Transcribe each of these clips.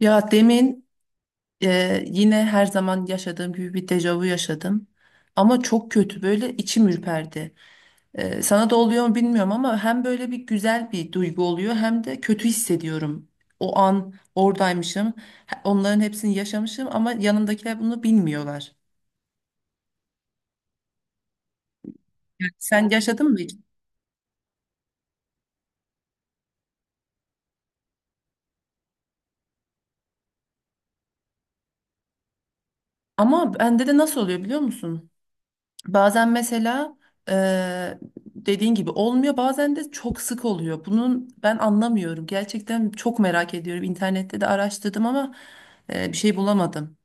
Ya demin yine her zaman yaşadığım gibi bir dejavu yaşadım. Ama çok kötü böyle içim ürperdi. Sana da oluyor mu bilmiyorum, ama hem böyle bir güzel bir duygu oluyor hem de kötü hissediyorum. O an oradaymışım. Onların hepsini yaşamışım, ama yanımdakiler bunu bilmiyorlar. Sen yaşadın mı hiç? Ama bende de nasıl oluyor biliyor musun? Bazen mesela eee, dediğin gibi olmuyor, bazen de çok sık oluyor. Bunun ben anlamıyorum. Gerçekten çok merak ediyorum. İnternette de araştırdım, ama bir şey bulamadım.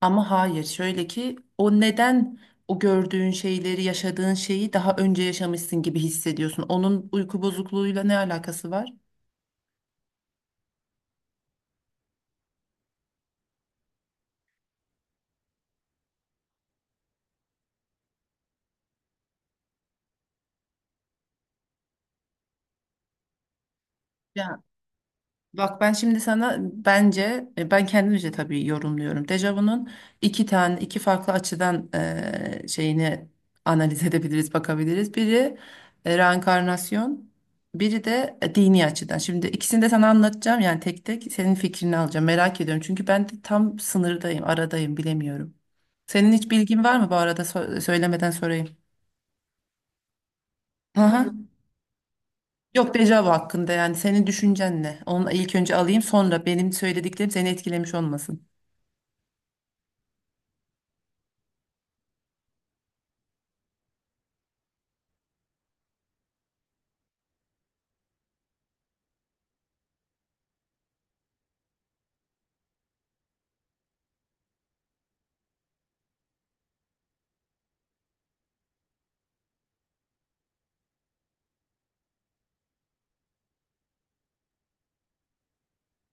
Ama hayır, şöyle ki o neden o gördüğün şeyleri, yaşadığın şeyi daha önce yaşamışsın gibi hissediyorsun. Onun uyku bozukluğuyla ne alakası var? Ya, bak ben şimdi sana, bence ben kendimce tabii yorumluyorum. Dejavu'nun iki farklı açıdan şeyini analiz edebiliriz, bakabiliriz. Biri reenkarnasyon, biri de dini açıdan. Şimdi ikisini de sana anlatacağım, yani tek tek senin fikrini alacağım. Merak ediyorum, çünkü ben de tam sınırdayım, aradayım, bilemiyorum. Senin hiç bilgin var mı bu arada? Söylemeden sorayım. Aha. Yok, dejavu hakkında, yani senin düşüncen ne? Onu ilk önce alayım, sonra benim söylediklerim seni etkilemiş olmasın.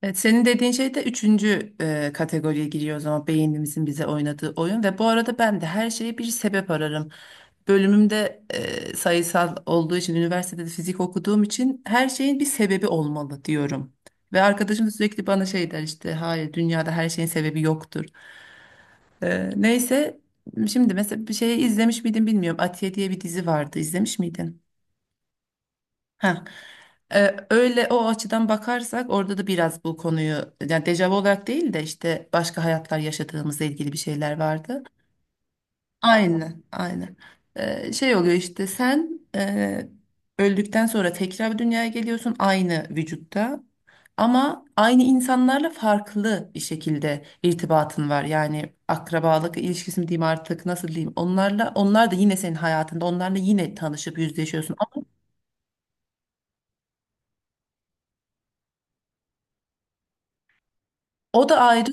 Evet, senin dediğin şey de üçüncü kategoriye giriyor o zaman, beynimizin bize oynadığı oyun. Ve bu arada ben de her şeye bir sebep ararım. Bölümümde, sayısal olduğu için, üniversitede de fizik okuduğum için her şeyin bir sebebi olmalı diyorum. Ve arkadaşım da sürekli bana şey der işte, hayır, dünyada her şeyin sebebi yoktur. Neyse, şimdi mesela bir şeyi izlemiş miydin bilmiyorum. Atiye diye bir dizi vardı, izlemiş miydin? Ha. Öyle, o açıdan bakarsak orada da biraz bu konuyu, yani dejavu olarak değil de işte başka hayatlar yaşadığımızla ilgili bir şeyler vardı. Aynen, aynen. Şey oluyor işte, sen öldükten sonra tekrar dünyaya geliyorsun aynı vücutta, ama aynı insanlarla farklı bir şekilde irtibatın var. Yani akrabalık ilişkisi mi diyeyim artık, nasıl diyeyim onlarla, onlar da yine senin hayatında onlarla yine tanışıp yüzleşiyorsun. Ama o da ayrı.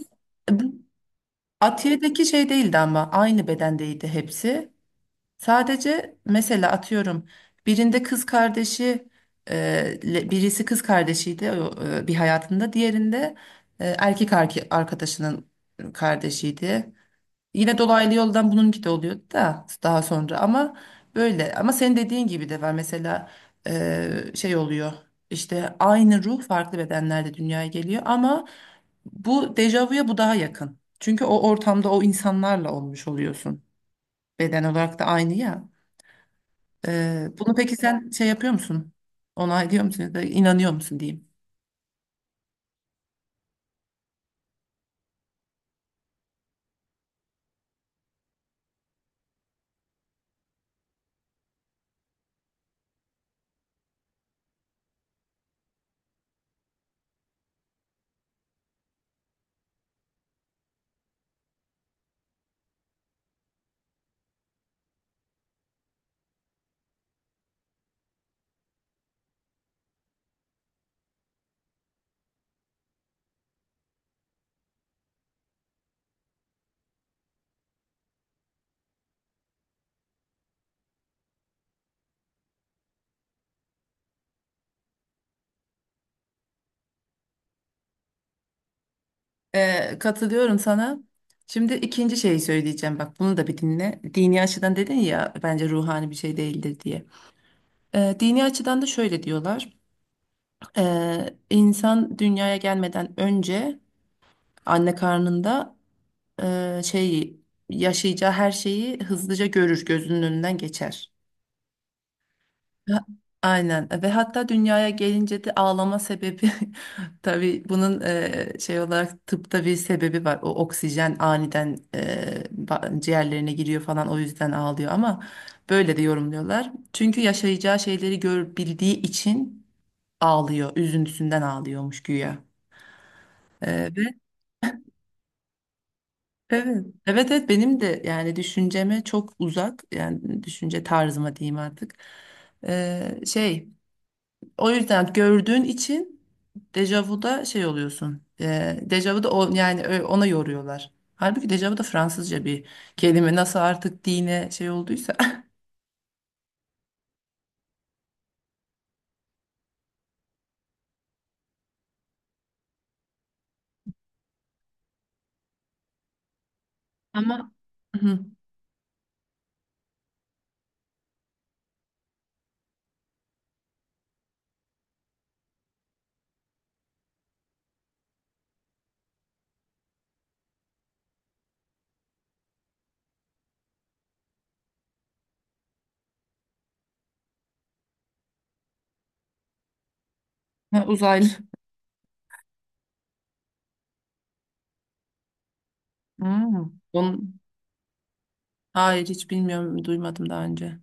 Atiye'deki şey değildi, ama aynı bedendeydi hepsi. Sadece mesela atıyorum, birinde kız kardeşi, e, birisi kız kardeşiydi o, bir hayatında, diğerinde erkek arkadaşının kardeşiydi. Yine dolaylı yoldan bununki de oluyordu da, daha sonra ama, böyle, ama senin dediğin gibi de var mesela. Şey oluyor işte, aynı ruh farklı bedenlerde dünyaya geliyor, ama bu dejavuya bu daha yakın. Çünkü o ortamda o insanlarla olmuş oluyorsun. Beden olarak da aynı ya. Bunu peki sen şey yapıyor musun? Onaylıyor musun, ya da inanıyor musun diyeyim. Katılıyorum sana. Şimdi ikinci şeyi söyleyeceğim. Bak, bunu da bir dinle. Dini açıdan dedin ya, bence ruhani bir şey değildir diye. Dini açıdan da şöyle diyorlar. İnsan dünyaya gelmeden önce anne karnında e, şeyi yaşayacağı her şeyi hızlıca görür, gözünün önünden geçer. Ha- Aynen, ve hatta dünyaya gelince de ağlama sebebi tabii bunun e, şey olarak tıpta bir sebebi var. O oksijen aniden ciğerlerine giriyor falan, o yüzden ağlıyor, ama böyle de yorumluyorlar. Çünkü yaşayacağı şeyleri görebildiği için ağlıyor, üzüntüsünden ağlıyormuş güya. E, ve evet, evet evet, benim de yani düşünceme çok uzak, yani düşünce tarzıma diyeyim artık. E, şey. O yüzden gördüğün için dejavuda şey oluyorsun. Dejavuda yani ona yoruyorlar. Halbuki dejavu da Fransızca bir kelime. Nasıl artık dine şey olduysa. Ama. Hı. Ha, uzaylı. Hmm. Hayır, hiç bilmiyorum, duymadım daha önce.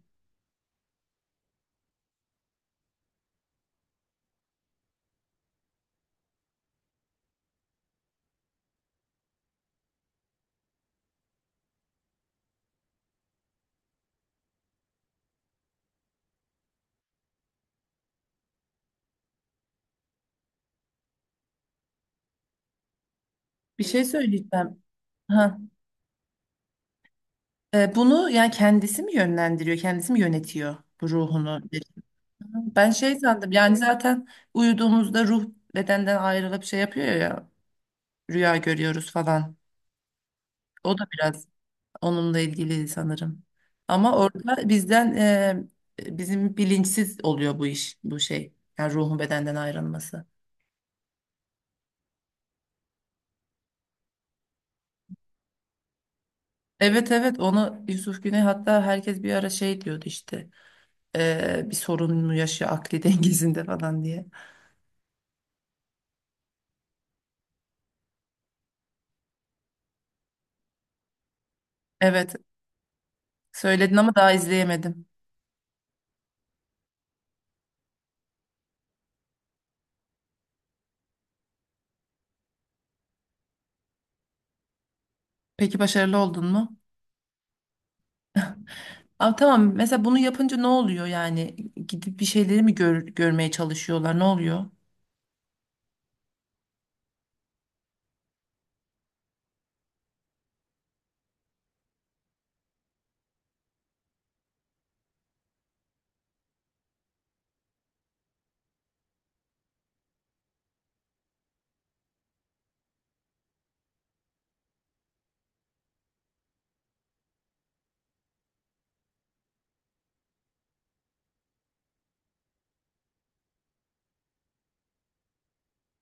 Bir şey söyleyeceğim. Ha. Bunu yani kendisi mi yönlendiriyor, kendisi mi yönetiyor bu ruhunu? Ben şey sandım yani, zaten uyuduğumuzda ruh bedenden ayrılıp şey yapıyor ya, rüya görüyoruz falan. O da biraz onunla ilgili sanırım. Ama orada bizim bilinçsiz oluyor bu iş, bu şey. Yani ruhun bedenden ayrılması. Evet evet, onu Yusuf Güney, hatta herkes bir ara şey diyordu işte. Bir sorun mu yaşıyor akli dengesinde falan diye. Evet, söyledin ama daha izleyemedim. Peki başarılı oldun mu? Abi tamam, mesela bunu yapınca ne oluyor yani? Gidip bir şeyleri mi görmeye çalışıyorlar, ne oluyor?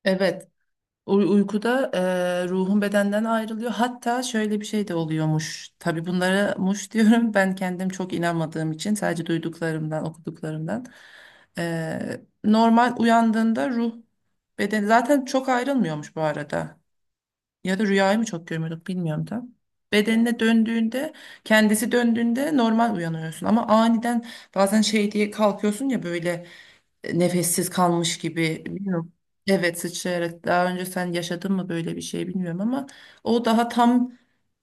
Evet, uykuda ruhun bedenden ayrılıyor. Hatta şöyle bir şey de oluyormuş. Tabii bunlara muş diyorum. Ben kendim çok inanmadığım için, sadece duyduklarımdan, okuduklarımdan. Normal uyandığında ruh beden zaten çok ayrılmıyormuş bu arada. Ya da rüyayı mı çok görmüyorduk bilmiyorum da. Bedenine döndüğünde, kendisi döndüğünde normal uyanıyorsun. Ama aniden bazen şey diye kalkıyorsun ya, böyle nefessiz kalmış gibi. Bilmiyorum. Evet, sıçrayarak. Daha önce sen yaşadın mı böyle bir şey bilmiyorum, ama o daha tam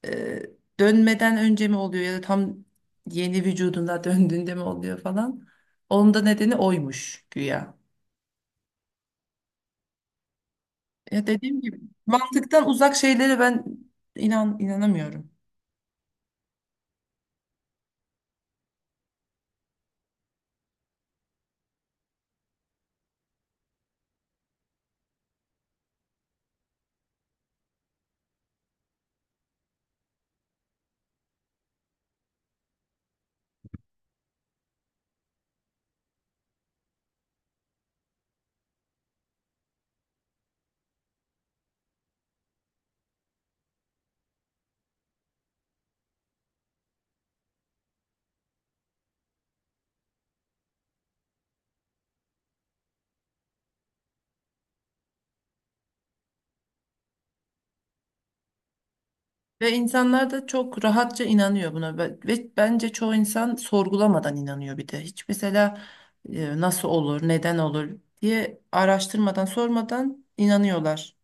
e, dönmeden önce mi oluyor, ya da tam yeni vücuduna döndüğünde mi oluyor falan. Onun da nedeni oymuş güya. Ya, dediğim gibi mantıktan uzak şeylere ben inanamıyorum. Ve insanlar da çok rahatça inanıyor buna, ve bence çoğu insan sorgulamadan inanıyor bir de. Hiç mesela nasıl olur, neden olur diye araştırmadan, sormadan inanıyorlar.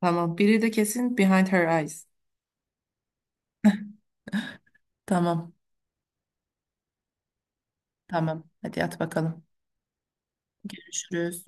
Tamam. Biri de kesin Behind Her Eyes. Tamam. Tamam. Hadi at bakalım. Görüşürüz.